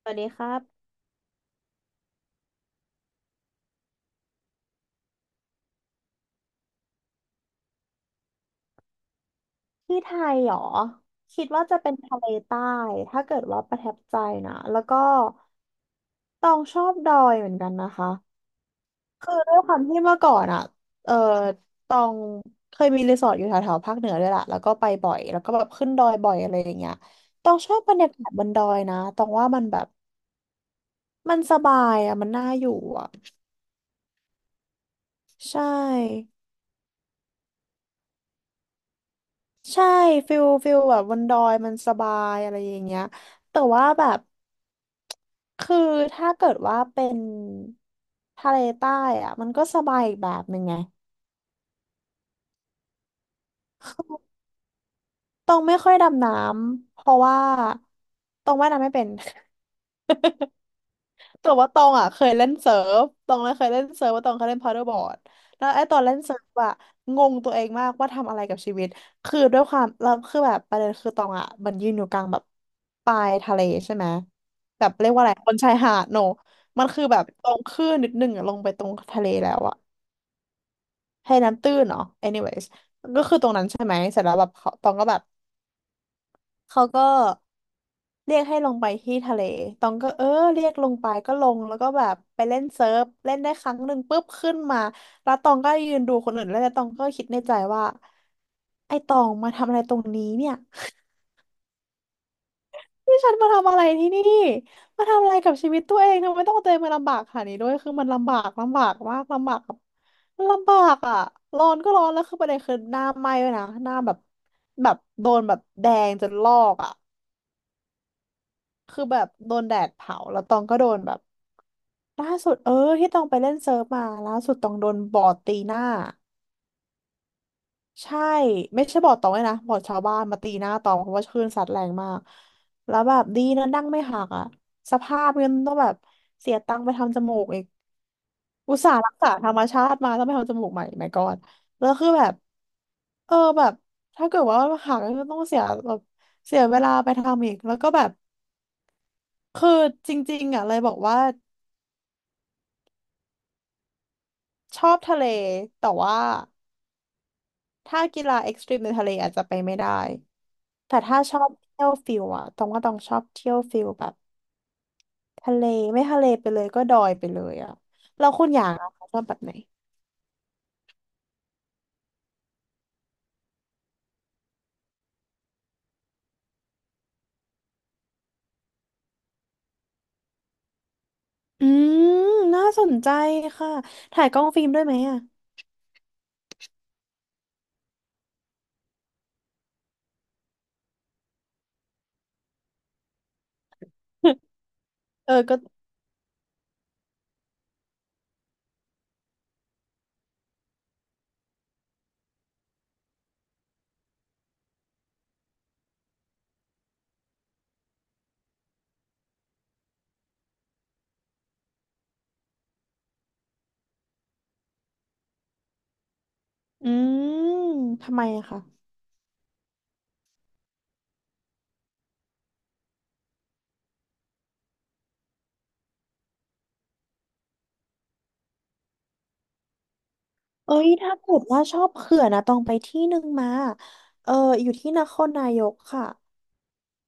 สวัสดีครับที่ไทยเหรอคิดว่าจะเป็นทะเลใต้ถ้าเกิดว่าประทับใจนะแล้วก็ตองชอบดอยเหมือนกันนะคะคือด้วยความที่เมื่อก่อนอ่ะเออตองเคยมีรีสอร์ทอยู่แถวๆภาคเหนือด้วยล่ะแล้วก็ไปบ่อยแล้วก็แบบขึ้นดอยบ่อยอะไรอย่างเงี้ยตองชอบบรรยากาศบนดอยนะตองว่ามันแบบมันสบายอ่ะมันน่าอยู่อ่ะใช่ ใช่ฟิลแบบบนดอยมันสบายอะไรอย่างเงี้ยแต่ว่าแบบคือถ้าเกิดว่าเป็นทะเลใต้อะมันก็สบายอีกแบบหนึ่งไงคือตองไม่ค่อยดำน้ำเพราะว่าตองว่ายน้ำไม่เป็น แต่ว่าตองอ่ะเคยเล่นเซิร์ฟตองเลยเคยเล่นเซิร์ฟว่าตองเคยเล่นพาราบอร์ดแล้วไอ้ตอนเล่นเซิร์ฟอ่ะงงตัวเองมากว่าทำอะไรกับชีวิตคือด้วยความเราคือแบบประเด็นคือตองอ่ะมันยืนอยู่กลางแบบปลายทะเลใช่ไหมแบบเรียกว่าอะไรบนชายหาดโนมันคือแบบตรงคลื่นนิดนึงอ่ะลงไปตรงทะเลแล้วอ่ะให้น้ำตื้นเนาะ anyways ก็คือตรงนั้นใช่ไหมเสร็จแล้วแบบเขาตองก็แบบ เขาก็เรียกให้ลงไปที่ทะเลตองก็เรียกลงไปก็ลงแล้วก็แบบไปเล่นเซิร์ฟเล่นได้ครั้งหนึ่งปุ๊บขึ้นมาแล้วตองก็ยืนดูคนอื่นแล้วแล้วตองก็คิดในใจว่าไอ้ตองมาทำอะไรตรงนี้เนี่ย นี่ฉันมาทำอะไรที่นี่มาทำอะไรกับชีวิตตัวเองทำไมต้องเอาตัวเองมาลำบากขนาดนี้ด้วยคือมันลำบากลำบากมากลำบากกับลำบากอ่ะร้อนก็ร้อนแล้วคือประเด็นคือหน้าไหม้ด้วยนะหน้าแบบแบบโดนแบบแดงจนลอกอ่ะ คือแบบโดนแดดเผาแล้วตองก็โดนแบบล่าสุดที่ตองไปเล่นเซิร์ฟมาล่าสุดตองโดนบอร์ดตีหน้าใช่ไม่ใช่บอร์ดตองเลยนะบอร์ดชาวบ้านมาตีหน้าตองเพราะว่าคลื่นซัดแรงมากแล้วแบบดีนะดั้งไม่หักอ่ะสภาพเงินต้องแบบเสียตังค์ไปทำจมูกอีกอุตส่าห์รักษาธรรมชาติมาต้องไปทำจมูกใหม่ไม่กอดแล้วคือแบบแบบถ้าเกิดว่าหักก็ต้องเสียแบบเสียเวลาไปทำอีกแล้วก็แบบคือจริงๆอ่ะเลยบอกว่า ชอบทะเลแต่ว่าถ้ากีฬาเอ็กซ์ตรีมในทะเลอาจจะไปไม่ได้แต่ถ้าชอบเที่ยวฟิลอะต้องว่าต้องชอบเที่ยวฟิลแบบทะเลไม่ทะเลไปเลยก็ดอยไปเลยอะแล้วคุณอย่างอะคะชอบแบบไหนอืมน่าสนใจค่ะถ่ายกล้องฟิล์มด้วยไหมอะ เออก็อืมทำไมอะคะเอ้ยถ้าเกิดว่าชอบเขื่อนนะต้องไปที่หนึ่งมาเอออยู่ที่นครนายกค่ะ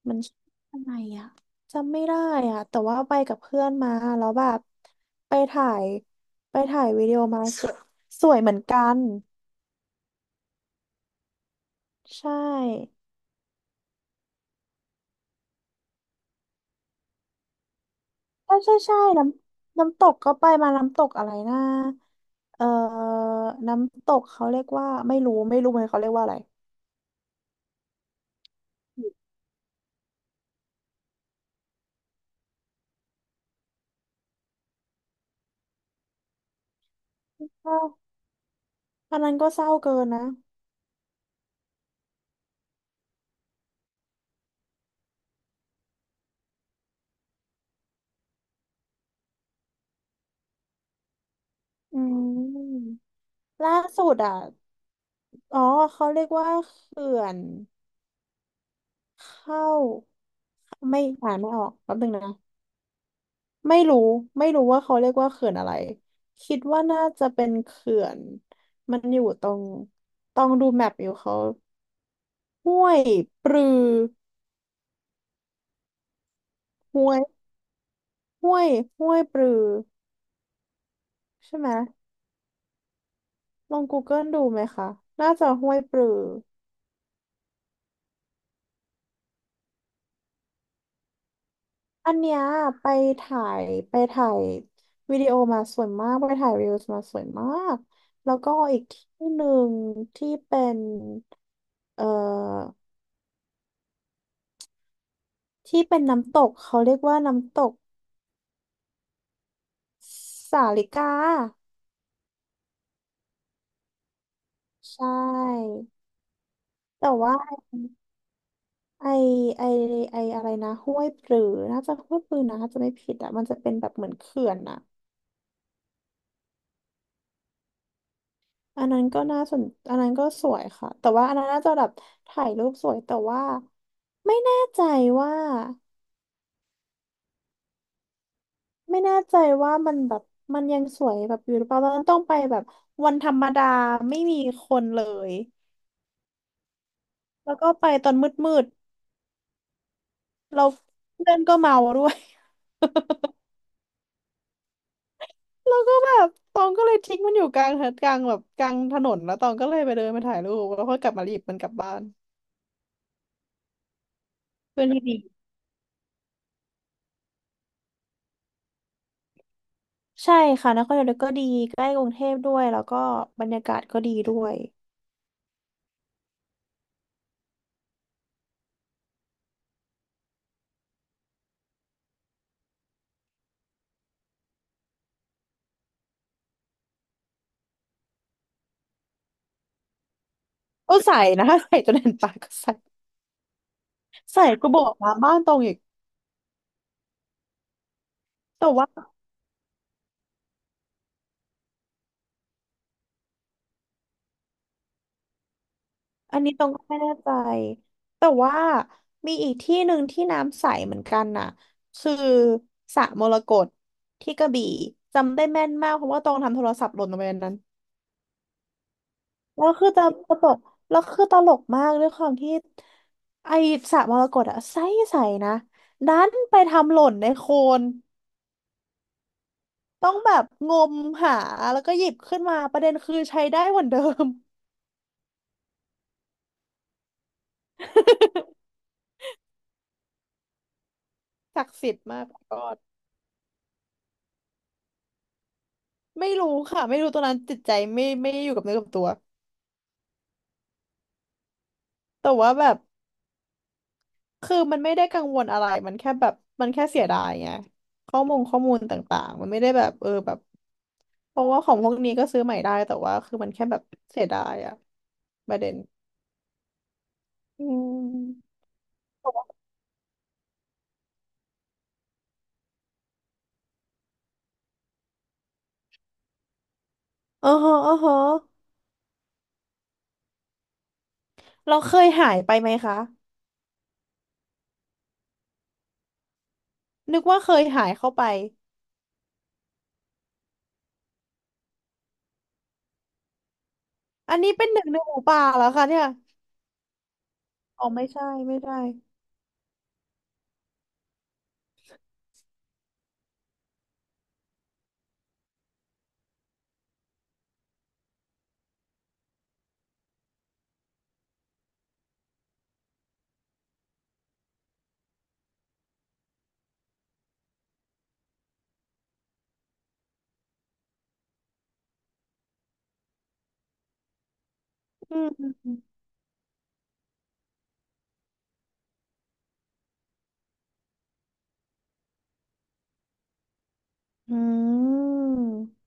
มันชื่ออะไรอะจำไม่ได้อะแต่ว่าไปกับเพื่อนมาแล้วแบบไปถ่ายไปถ่ายวิดีโอมา สวยสวยเหมือนกันใช่ใช่ใช่ใช่น้ำน้ำตกก็ไปมาน้ำตกอะไรนะเอ่อน้ำตกเขาเรียกว่าไม่รู้ไม่รู้เหมือนเขาเรียกว่าอะไรเศร้าอันนั้นก็เศร้าเกินนะอืมล่าสุดอ่ะอ๋อเขาเรียกว่าเขื่อนเข้าไม่อ่านไม่ออกแป๊บนึงนะ ไม่รู้ไม่รู้ว่าเขาเรียกว่าเขื่อนอะไรคิดว่าน่าจะเป็นเขื่อนมันอยู่ตรงต้องดูแมปอยู่เขาห้วยปรือห้วยห้วยห้วยปรือใช่ไหมลอง Google ดูไหมคะน่าจะห้วยปรืออันเนี้ยไปถ่ายไปถ่ายวิดีโอมาสวยมากไปถ่ายรีวิวมาสวยมากแล้วก็อีกที่หนึ่งที่เป็นเอ่อที่เป็นน้ำตกเขาเรียกว่าน้ำตก สาลิกาใช่แต่ว่าไอไอไออะไรนะห้วยปรือน่าจะห้วยปรือนะถ้าจะไม่ผิดอ่ะมันจะเป็นแบบเหมือนเขื่อนอ่ะอันนั้นก็น่าสนอันนั้นก็สวยค่ะแต่ว่าอันนั้นน่าจะแบบถ่ายรูปสวยแต่ว่าไม่แน่ใจว่าไม่แน่ใจว่ามันแบบมันยังสวยแบบอยู่หรือเปล่าตอนนั้นต้องไปแบบวันธรรมดาไม่มีคนเลยแล้วก็ไปตอนมืดๆเราเพื่อนก็เมาด้วย แล้วก็แบบตองก็เลยทิ้งมันอยู่กลางกลางแบบกลางถนนแล้วตองก็เลยไปเดินไปถ่ายรูปแล้วก็กลับมาหยิบมันกลับบ้านเพื่อนที่ดีใช่ค่ะนครนายกก็ดีใกล้กรุงเทพด้วยแล้วก็บรรยากาศก็ดีด้วยโอ้ใส่นะ ใส่จนเห็นปากก็ใส่ใส่ก็บอกมาบ้านตรงอีกแต่ว่าอันนี้ตรงก็ไม่แน่ใจแต่ว่ามีอีกที่หนึ่งที่น้ำใสเหมือนกันน่ะคือสระมรกตที่กระบี่จำได้แม่นมากเพราะว่าตรงทำโทรศัพท์หล่นลงไปในนั้น แล้วคือตลกแล้วคือตลกมากด้วยความที่ไอสระมรกตอะใสใสนะดันไปทำหล่นในโคลนต้องแบบงมหาแล้วก็หยิบขึ้นมาประเด็นคือใช้ได้เหมือนเดิม ศักดิ์สิทธิ์มากกอดไม่รู้ค่ะไม่รู้ตัวนั้นจิตใจไม่อยู่กับเนื้อกับตัวแต่ว่าแบบ คือมันไม่ได้กังวลอะไร มันแค่แบบมันแค่เสียดายไงข้อมูลต่างๆมันไม่ได้แบบเพราะว่าของพวกนี้ก็ซื้อใหม่ได้แต่ว่าคือมันแค่แบบเสียดายอะประเด็นอืมอ๋อฮะอ๋อฮะเราเคยหายไปไหมคะนึกว่าเคยหายเข้าไปอันนี้เป็นหนึ่งในหมูป่าแล้วค่ะเนี่ยอ๋อไม่ใช่ไม่ได้อืมอืมอืมอืม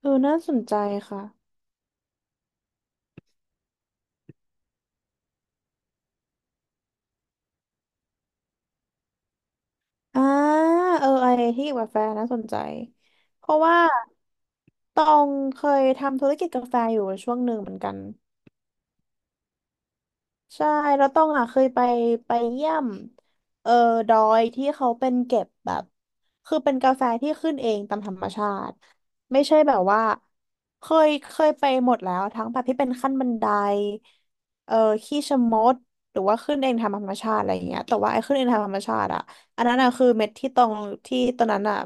เออน่าสนใจค่ะ อ่าเออไอที่เกี่ยวกับกาแฟน่าสนใจเพราะว่าตองเคยทำธุรกิจกาแฟอยู่ช่วงหนึ่งเหมือนกัน ใช่แล้วต้องอ่ะเคยไปไปเยี่ยมเออดอยที่เขาเป็นเก็บแบบคือเป็นกาแฟที่ขึ้นเองตามธรรมชาติไม่ใช่แบบว่าเคยไปหมดแล้วทั้งแบบที่เป็นขั้นบันไดเออขี้ชะมดหรือว่าขึ้นเองทำธรรมชาติอะไรอย่างเงี้ยแต่ว่าไอ้ขึ้นเองทำธรรมชาติอ่ะอันนั้นอ่ะคือเม็ดที่ตรงที่ตอนนั้นอ่ะ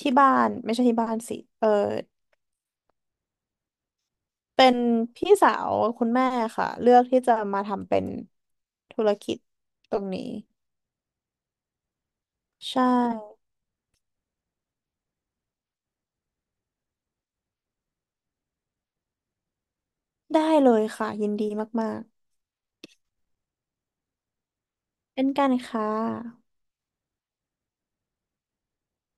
ที่บ้านไม่ใช่ที่บ้านสิเออ เป็นพี่สาวคุณแม่ค่ะเลือกที่จะมาทำเป็นธุรกิจตรงนี้ใช่ได้เลยค่ะยินดีมาก ๆ เป็นกันค่ะ